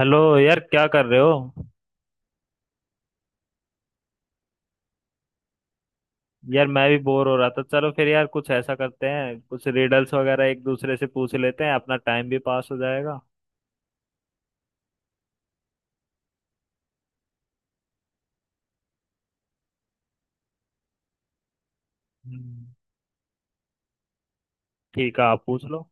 Hello यार, क्या कर रहे हो। यार, मैं भी बोर हो रहा था। चलो फिर यार कुछ ऐसा करते हैं, कुछ रिडल्स वगैरह एक दूसरे से पूछ लेते हैं, अपना टाइम भी पास हो जाएगा। हम्म, ठीक है, आप पूछ लो।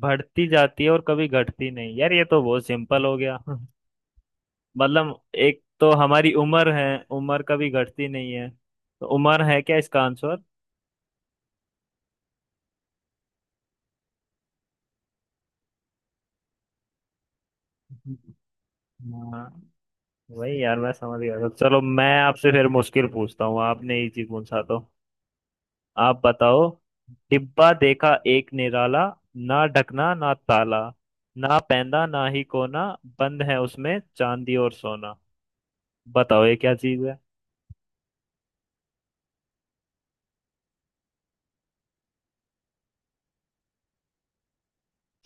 बढ़ती जाती है और कभी घटती नहीं, यार ये तो बहुत सिंपल हो गया। मतलब एक तो हमारी उम्र है। उम्र कभी घटती नहीं है, तो उम्र है क्या इसका आंसर। हाँ, वही यार, मैं समझ गया था। चलो मैं आपसे फिर मुश्किल पूछता हूँ, आपने इजी पूछा तो। आप बताओ। डिब्बा देखा एक निराला, ना ढकना ना ताला, ना पैंदा ना ही कोना, बंद है उसमें चांदी और सोना। बताओ ये क्या चीज है।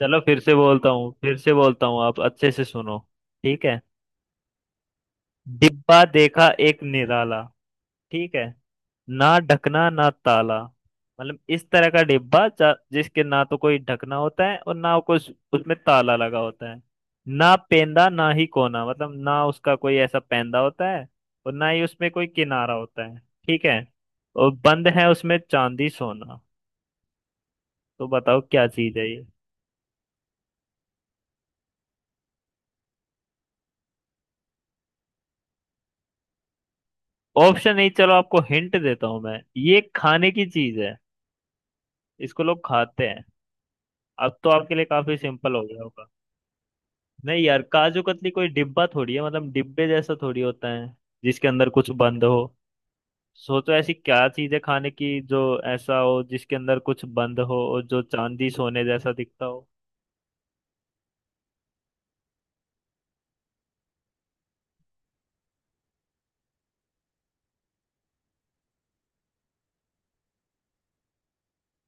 चलो फिर से बोलता हूँ, फिर से बोलता हूँ, आप अच्छे से सुनो। ठीक है। डिब्बा देखा एक निराला। ठीक है। ना ढकना ना ताला, मतलब इस तरह का डिब्बा जिसके ना तो कोई ढकना होता है और ना कुछ उसमें ताला लगा होता है। ना पेंदा ना ही कोना, मतलब ना उसका कोई ऐसा पेंदा होता है और ना ही उसमें कोई किनारा होता है। ठीक है। और बंद है उसमें चांदी सोना। तो बताओ क्या चीज है ये। ऑप्शन नहीं, चलो आपको हिंट देता हूं मैं। ये खाने की चीज है, इसको लोग खाते हैं। अब तो आपके लिए काफी सिंपल हो गया होगा। नहीं यार, काजू कतली कोई डिब्बा थोड़ी है, मतलब डिब्बे जैसा थोड़ी होता है जिसके अंदर कुछ बंद हो। सोचो ऐसी क्या चीज है खाने की जो ऐसा हो जिसके अंदर कुछ बंद हो और जो चांदी सोने जैसा दिखता हो।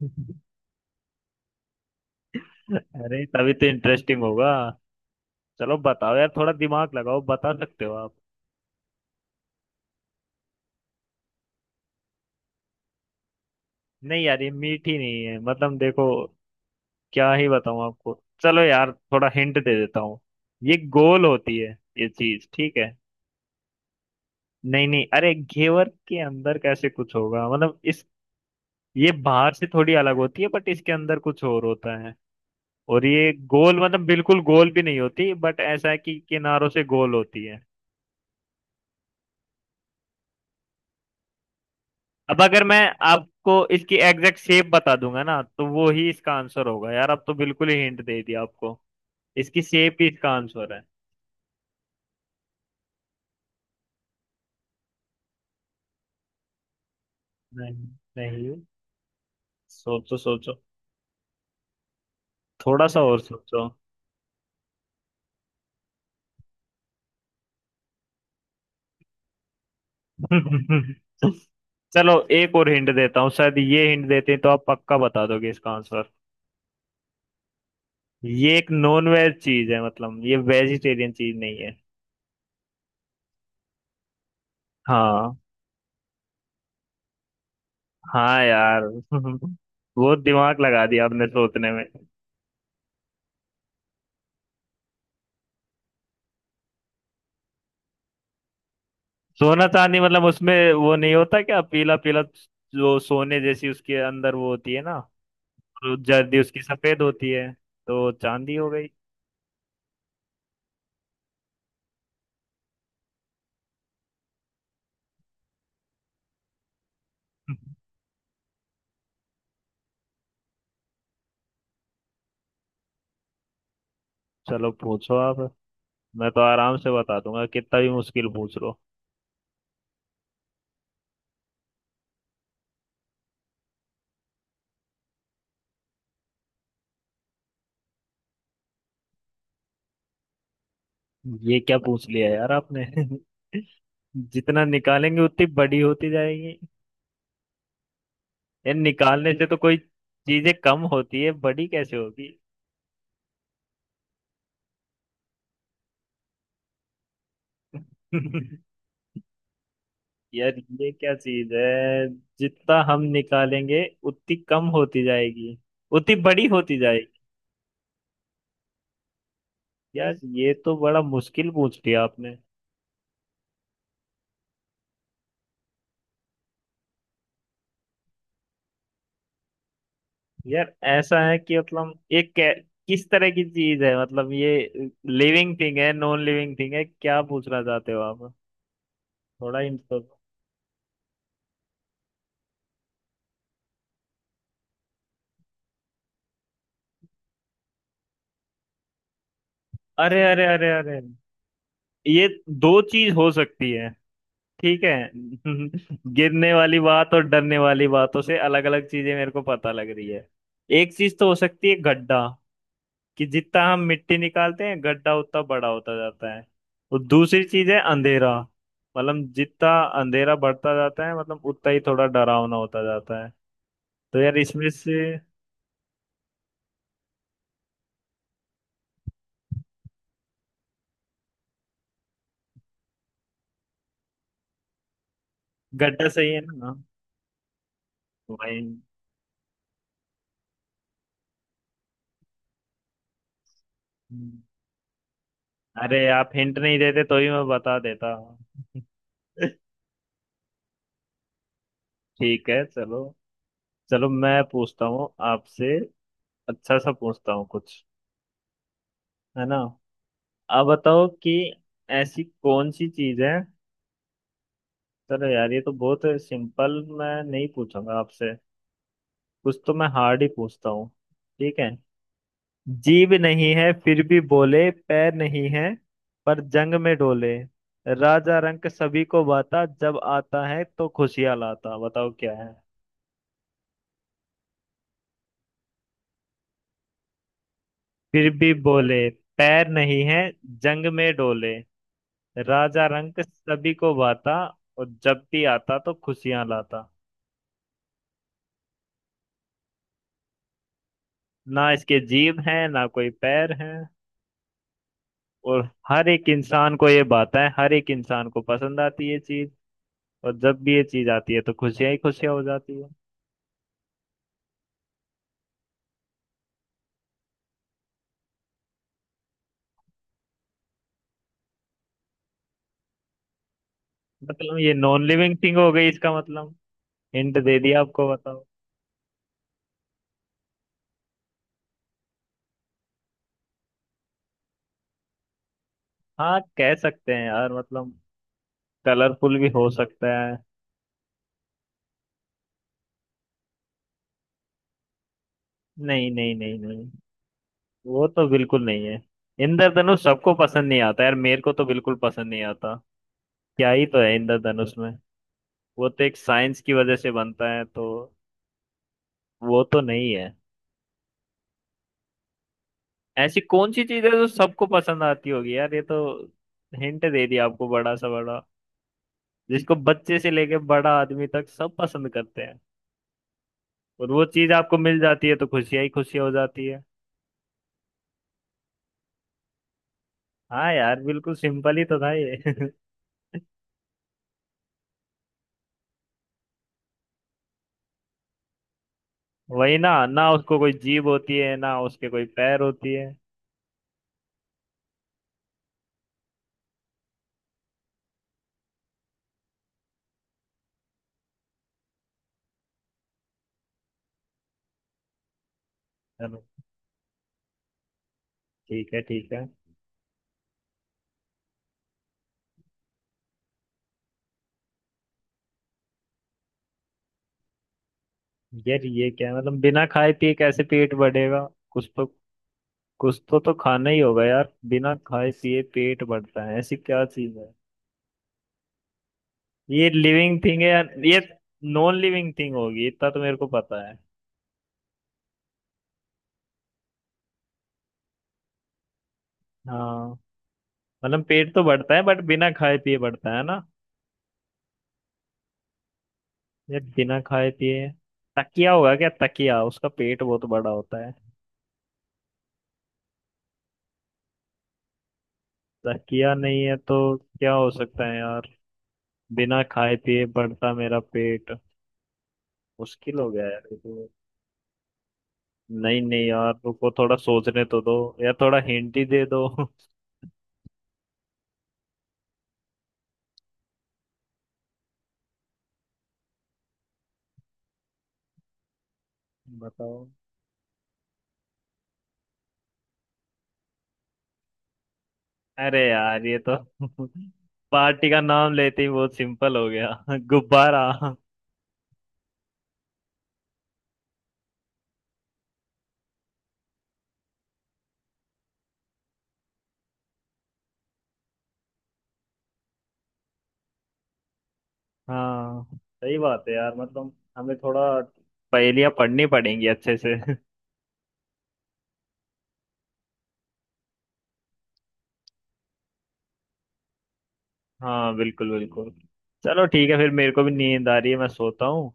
अरे तभी तो इंटरेस्टिंग होगा। चलो बताओ यार, थोड़ा दिमाग लगाओ, बता सकते हो आप। नहीं यार, ये मीठी नहीं है। मतलब देखो, क्या ही बताऊं आपको। चलो यार थोड़ा हिंट दे देता हूँ। ये गोल होती है ये चीज, ठीक है। नहीं नहीं, अरे घेवर के अंदर कैसे कुछ होगा, मतलब इस, ये बाहर से थोड़ी अलग होती है बट इसके अंदर कुछ और होता है। और ये गोल, मतलब बिल्कुल गोल भी नहीं होती, बट ऐसा है कि किनारों से गोल होती है। अब अगर मैं आपको इसकी एग्जैक्ट शेप बता दूंगा ना तो वो ही इसका आंसर होगा, यार अब तो बिल्कुल ही हिंट दे दिया आपको। इसकी शेप ही इसका आंसर है। नहीं, नहीं, सोचो सोचो। थोड़ा सा और सोचो। चलो एक और हिंट देता हूँ, शायद ये हिंट देते हैं तो आप पक्का बता दोगे इसका आंसर। ये एक नॉन वेज चीज है, मतलब ये वेजिटेरियन चीज नहीं है। हाँ। हाँ यार। बहुत दिमाग लगा दिया आपने सोचने में। सोना चांदी, मतलब उसमें वो नहीं होता क्या, पीला पीला जो सोने जैसी उसके अंदर वो होती है ना। और जर्दी उसकी सफेद होती है, तो चांदी हो गई। चलो पूछो आप, मैं तो आराम से बता दूंगा कितना भी मुश्किल पूछ लो। ये क्या पूछ लिया यार आपने। जितना निकालेंगे उतनी बड़ी होती जाएगी। यार निकालने से तो कोई चीजें कम होती है, बड़ी कैसे होगी। यार ये क्या चीज है। जितना हम निकालेंगे उतनी कम होती जाएगी, उतनी बड़ी होती जाएगी। यार ये तो बड़ा मुश्किल पूछ लिया आपने। यार ऐसा है कि मतलब ये किस तरह की चीज है, मतलब ये लिविंग थिंग है, नॉन लिविंग थिंग है, क्या पूछना चाहते हो आप। थोड़ा हिंट दो। अरे अरे अरे अरे, ये दो चीज हो सकती है। ठीक है। गिरने वाली बात और डरने वाली बातों से अलग अलग चीजें मेरे को पता लग रही है। एक चीज तो हो सकती है गड्ढा, कि जितना हम मिट्टी निकालते हैं गड्ढा उतना बड़ा होता जाता है। और दूसरी चीज है अंधेरा, मतलब जितना अंधेरा बढ़ता जाता है मतलब उतना ही थोड़ा डरावना होता जाता है। तो यार इसमें से गड्ढा सही है ना। भाई, अरे आप हिंट नहीं देते तो ही मैं बता देता। ठीक है, चलो। चलो मैं पूछता हूँ आपसे, अच्छा सा पूछता हूँ कुछ, है ना। आप बताओ कि ऐसी कौन सी चीज है। चलो यार ये तो बहुत सिंपल, मैं नहीं पूछूंगा आपसे। कुछ तो मैं हार्ड ही पूछता हूँ। ठीक है। जीभ नहीं है फिर भी बोले, पैर नहीं है पर जंग में डोले, राजा रंक सभी को बाता, जब आता है तो खुशियां लाता। बताओ क्या है। फिर भी बोले, पैर नहीं है, जंग में डोले, राजा रंक सभी को भाता, और जब भी आता तो खुशियां लाता। ना इसके जीभ हैं ना कोई पैर हैं। और हर एक इंसान को ये बात है, हर एक इंसान को पसंद आती है ये चीज। और जब भी ये चीज आती है तो खुशियां ही खुशियां हो जाती है। मतलब ये नॉन लिविंग थिंग हो गई इसका मतलब। हिंट दे दिया आपको, बताओ। हाँ, कह सकते हैं यार, मतलब कलरफुल भी हो सकता है। नहीं नहीं नहीं नहीं, वो तो बिल्कुल नहीं है। इंद्रधनुष सबको पसंद नहीं आता यार, मेरे को तो बिल्कुल पसंद नहीं आता। क्या ही तो है इंद्रधनुष में, वो तो एक साइंस की वजह से बनता है, तो वो तो नहीं है। ऐसी कौन सी चीज है जो सबको पसंद आती होगी, यार ये तो हिंट दे दिया आपको बड़ा सा बड़ा। जिसको बच्चे से लेके बड़ा आदमी तक सब पसंद करते हैं, और वो चीज आपको मिल जाती है तो खुशियां ही खुशियां हो जाती है। हाँ यार, बिल्कुल सिंपल ही तो था ये। वही ना, ना उसको कोई जीभ होती है ना उसके कोई पैर होती है। चलो ठीक है, ठीक है। यार ये क्या, मतलब बिना खाए पिए कैसे पेट बढ़ेगा, कुछ तो, कुछ तो खाना ही होगा यार। बिना खाए पिए पेट बढ़ता है, ऐसी क्या चीज है। ये लिविंग थिंग है यार ये, नॉन लिविंग थिंग होगी, इतना तो मेरे को पता है। हाँ। मतलब पेट तो बढ़ता है बट बिना खाए पिए बढ़ता है ना। ये बिना खाए पिए, तकिया होगा क्या, तकिया उसका पेट बहुत बड़ा होता है। तकिया नहीं है तो क्या हो सकता है यार, बिना खाए पिए बढ़ता मेरा पेट। मुश्किल हो गया यार ये तो। नहीं नहीं यार, रुको थोड़ा सोचने तो दो। या थोड़ा हिंट ही दे दो। बताओ। अरे यार ये तो। पार्टी का नाम लेते ही बहुत सिंपल हो गया। गुब्बारा। हाँ सही बात है यार, मतलब हमें थोड़ा पहेलियां पढ़नी पड़ेंगी अच्छे से। हाँ बिल्कुल बिल्कुल। चलो ठीक है, फिर मेरे को भी नींद आ रही है, मैं सोता हूँ।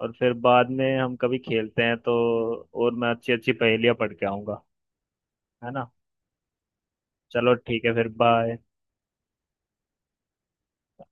और फिर बाद में हम कभी खेलते हैं तो, और मैं अच्छी अच्छी पहेलियां पढ़ के आऊंगा, है ना। चलो ठीक है, फिर बाय।